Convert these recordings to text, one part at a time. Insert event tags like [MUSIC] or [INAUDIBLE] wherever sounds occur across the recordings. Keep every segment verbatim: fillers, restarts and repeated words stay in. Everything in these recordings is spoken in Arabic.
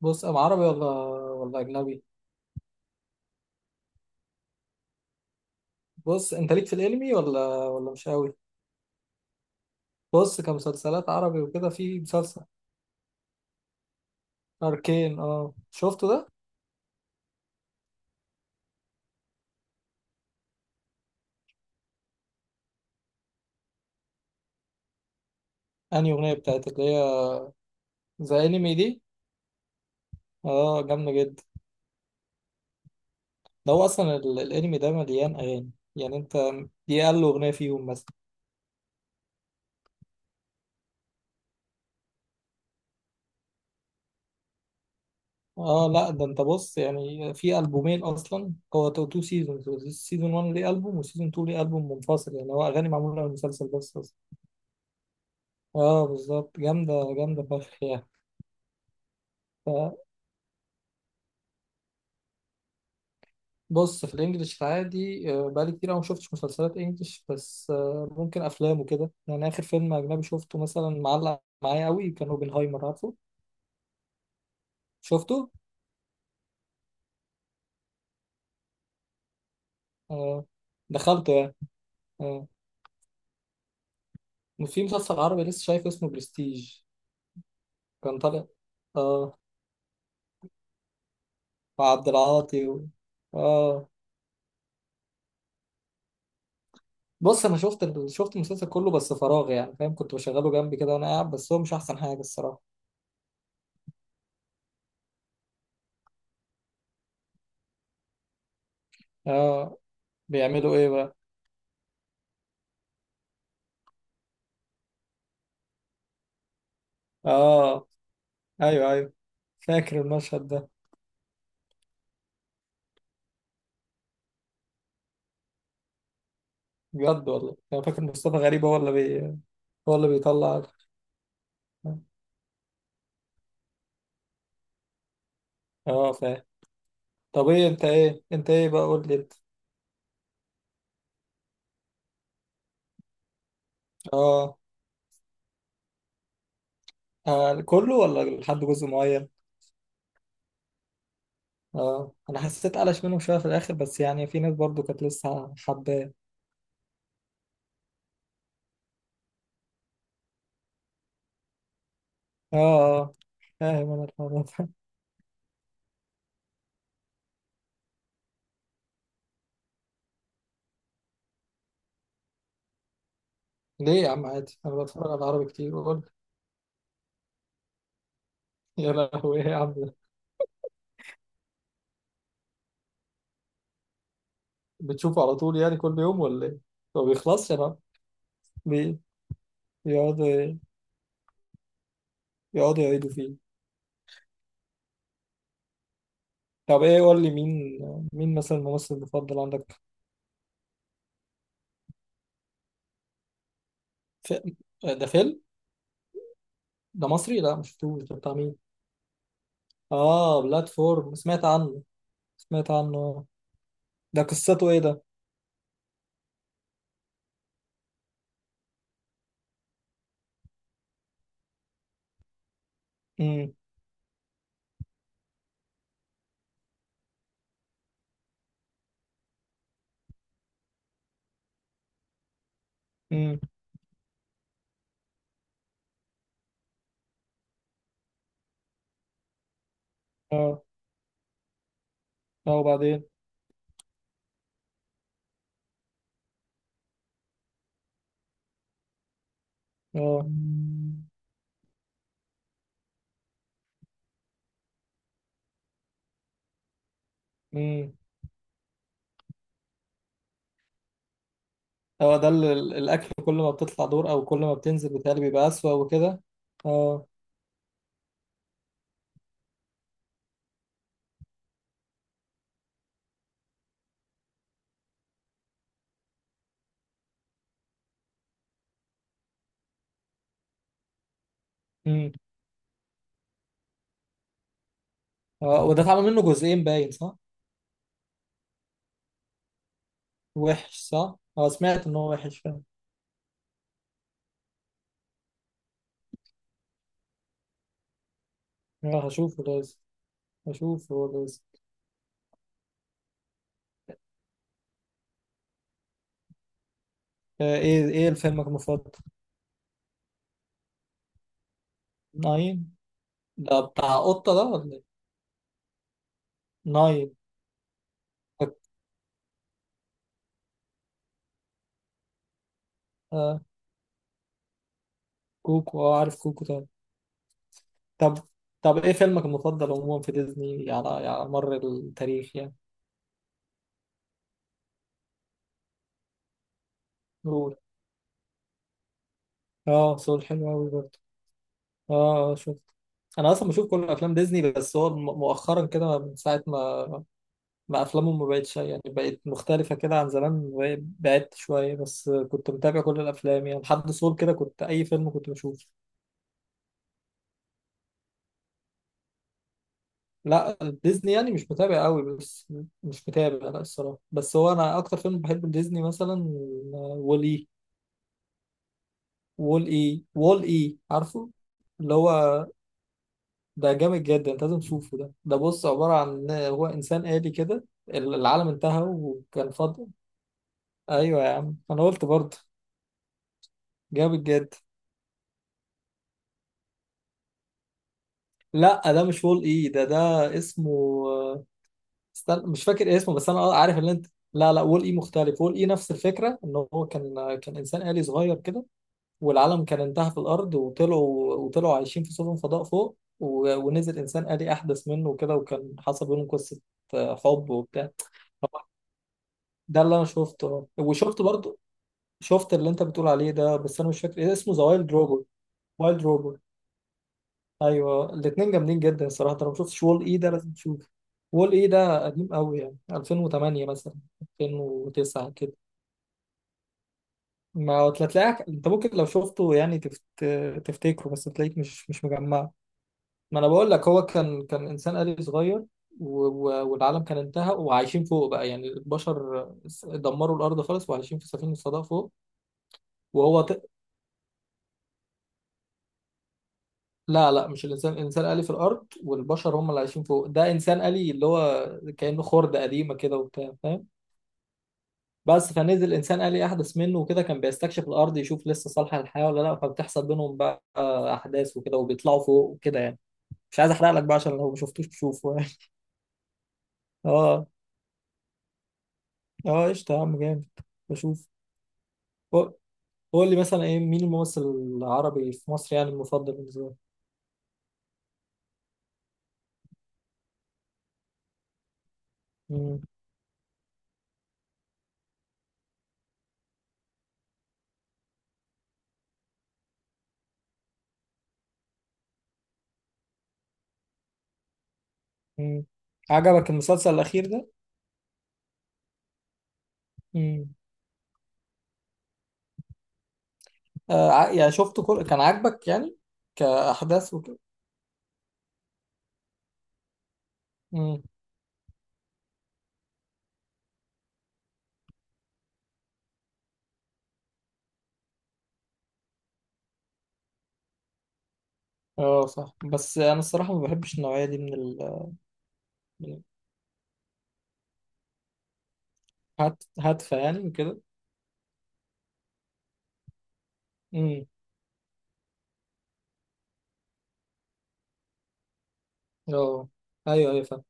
بص أم عربي ولا ولا أجنبي. بص أنت ليك في الأنمي ولا ولا مش قوي. بص كمسلسلات عربي وكده، في مسلسل أركين، أه شفته ده. أنهي أغنية بتاعت اللي هي ذا أنمي دي؟ أه جامدة جدا. ده هو أصلا ال- الأنمي ده مليان أغاني، يعني أنت دي أقل أغنية فيهم مثلا. أه لا، ده أنت بص، يعني في ألبومين أصلا. هو تو تو سيزون، سيزون وان ليه ألبوم وسيزون تو ليه ألبوم منفصل، يعني هو أغاني معمولة للمسلسل بس أصلا. أه بالظبط، جامدة جامدة فشخ يعني. آه، بص، في الانجليش العادي آه، بقالي كتير أوي ما شفتش مسلسلات انجليش، بس آه، ممكن افلام وكده، يعني اخر فيلم اجنبي شفته مثلا معلق معايا قوي كان اوبنهايمر، عارفه. شفته. آه، دخلته يعني. آه، في مسلسل عربي لسه شايف اسمه برستيج، كان طالع. اه. مع عبد العاطي و... اه. بص انا شفت ال- شفت المسلسل كله بس فراغ يعني فاهم، كنت بشغله جنبي كده وانا قاعد، بس هو مش احسن حاجة الصراحة. اه. بيعملوا ايه بقى؟ اه. ايوه ايوه، فاكر المشهد ده. بجد والله، انا فاكر مصطفى غريب هو اللي بي... هو اللي بيطلع. اه، فاهم. طب ايه انت ايه انت ايه بقى، قول لي انت. اه. آه، كله ولا لحد جزء معين؟ اه انا حسيت قلش منهم شويه في الاخر، بس يعني في ناس برضو كانت لسه حباه. اه، آه، فاهم انا الحوار ده. [LAUGHS] ليه يا عم؟ عادي، انا بتفرج على عربي كتير، بقول. يا لهوي، ايه يا عم ده؟ بتشوفه على طول يعني، كل يوم ولا ايه؟ ما بيخلصش يا عم. بي- بيقعدوا يقعدوا يعيدوا فيه. طب ايه قول لي مين مين مثلا الممثل المفضل عندك؟ ف... ده فيلم. ده مصري؟ لا، مش شفتوش. ده بتاع مين؟ اه بلاتفورم، سمعت عنه. سمعت عنه، آه. ده قصته ايه ده؟ امم. امم. اه اه، وبعدين؟ اه. امم. هو ده ال- ال- الاكل كل ما بتطلع دور او كل ما بتنزل بتهيألي بيبقى اسوأ وكده؟ اه. امم. اه، وده اتعمل منه جزئين باين، صح؟ وحش صح، اه، سمعت ان هو وحش فعلا. اه، هشوفه لازم، هشوفه لازم. آه، ايه ايه فيلمك المفضل؟ ناين. ده بتاع قطة ده ولا ايه؟ ناين. آه كوكو، اه، عارف كوكو طبعا. طب، طب ايه فيلمك المفضل عموما في ديزني، على على مر التاريخ يعني؟ قول. اه، سول حلو قوي برضه. اه اه، شفت. انا اصلا بشوف كل افلام ديزني، بس هو م- مؤخرا كده من ساعه ما ما افلامهم ما بقتش يعني، بقت مختلفه كده عن زمان. بعدت شويه، بس كنت متابع كل الافلام يعني، لحد سول كده كنت اي فيلم كنت بشوفه. لا ديزني يعني مش متابع قوي بس. مش متابع لا الصراحه، بس هو انا اكتر فيلم بحبه ديزني مثلا وولي. وول اي، وول اي، عارفه؟ اللي هو ده جامد جدا، انت لازم تشوفه ده. ده بص، عبارة عن هو انسان آلي كده، ال- العالم انتهى وكان فاضي. ايوه يا عم انا قلت برضه. جامد جدا. لا ده مش وول اي، ده ده اسمه، استنى مش فاكر اسمه، بس انا عارف اللي انت. لا لا، وول اي مختلف. وول اي نفس الفكرة ان هو كان كان انسان آلي صغير كده، والعالم كان انتهى في الارض، وطلعوا وطلعوا عايشين في سفن فضاء فوق، و- ونزل انسان آلي احدث منه كده، وكان حصل بينهم قصه آه، حب وبتاع. ده اللي انا شفته، وشفت برضو، شفت اللي انت بتقول عليه ده، بس انا مش فاكر ايه اسمه، ذا وايلد روبوت. وايلد روبوت. ايوه، الاثنين جامدين جدا الصراحه، انت لو ما شفتش وول اي ده لازم تشوف. وول اي ده قديم قوي يعني، ألفين وتمنية مثلا، ألفين وتسعة كده. ما هو تلاقيك انت ممكن لو شفته يعني تفت... تفتكره، بس تلاقيك مش مش مجمعه. ما انا بقول لك، هو كان كان انسان آلي صغير، و... و... والعالم كان انتهى وعايشين فوق بقى، يعني البشر س- دمروا الارض خالص، وعايشين في سفينه صدى فوق. وهو ت... لا لا، مش الانسان الانسان آلي في الارض، والبشر هم اللي عايشين فوق. ده انسان آلي اللي هو كانه خرده قديمه كده وبتاع، فاهم. بس فنزل انسان آلي احدث منه وكده، كان بيستكشف الارض، يشوف لسه صالحه للحياه ولا لا، فبتحصل بينهم بقى احداث وكده، وبيطلعوا فوق وكده يعني. مش عايز احرق لك بقى، عشان لو ما شفتوش تشوفه يعني. [LAUGHS] اه اه قشطه يا عم، جامد. بشوف. قول لي مثلا ايه، مين الممثل العربي في مصر يعني المفضل بالنسبه لك؟ مم. مم. عجبك المسلسل الاخير ده؟ مم. آه، ع- يعني شفته كل، كان عاجبك يعني؟ كاحداث وكده. مم. اه صح، بس انا الصراحه ما بحبش النوعيه دي من ال، من. هات، هاتفه يعني وكده. مم. اه ايوه ايوه، فاهم.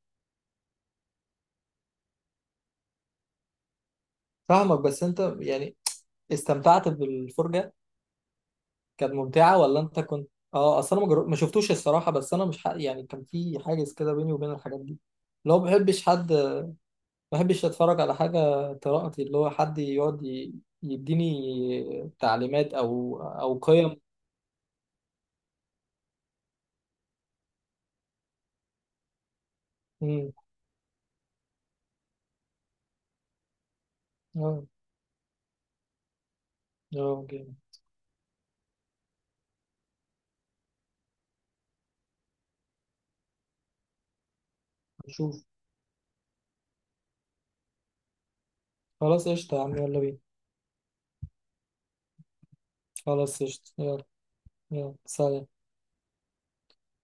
فاهمك، بس انت يعني استمتعت بالفرجه، كانت ممتعة ولا انت كنت، اه اصل انا ما جر- ما شفتوش الصراحة، بس انا مش ح... يعني كان في حاجز كده بيني وبين الحاجات دي. لو ما بحبش حد ما بحبش اتفرج على حاجة. قراءتي اللي هو حد يقعد ي... يديني تعليمات، او او قيم. امم. اه اه جامد. نشوف. خلاص قشطة يا عم، يلا بينا. خلاص قشطة، يلا. يلا سلام.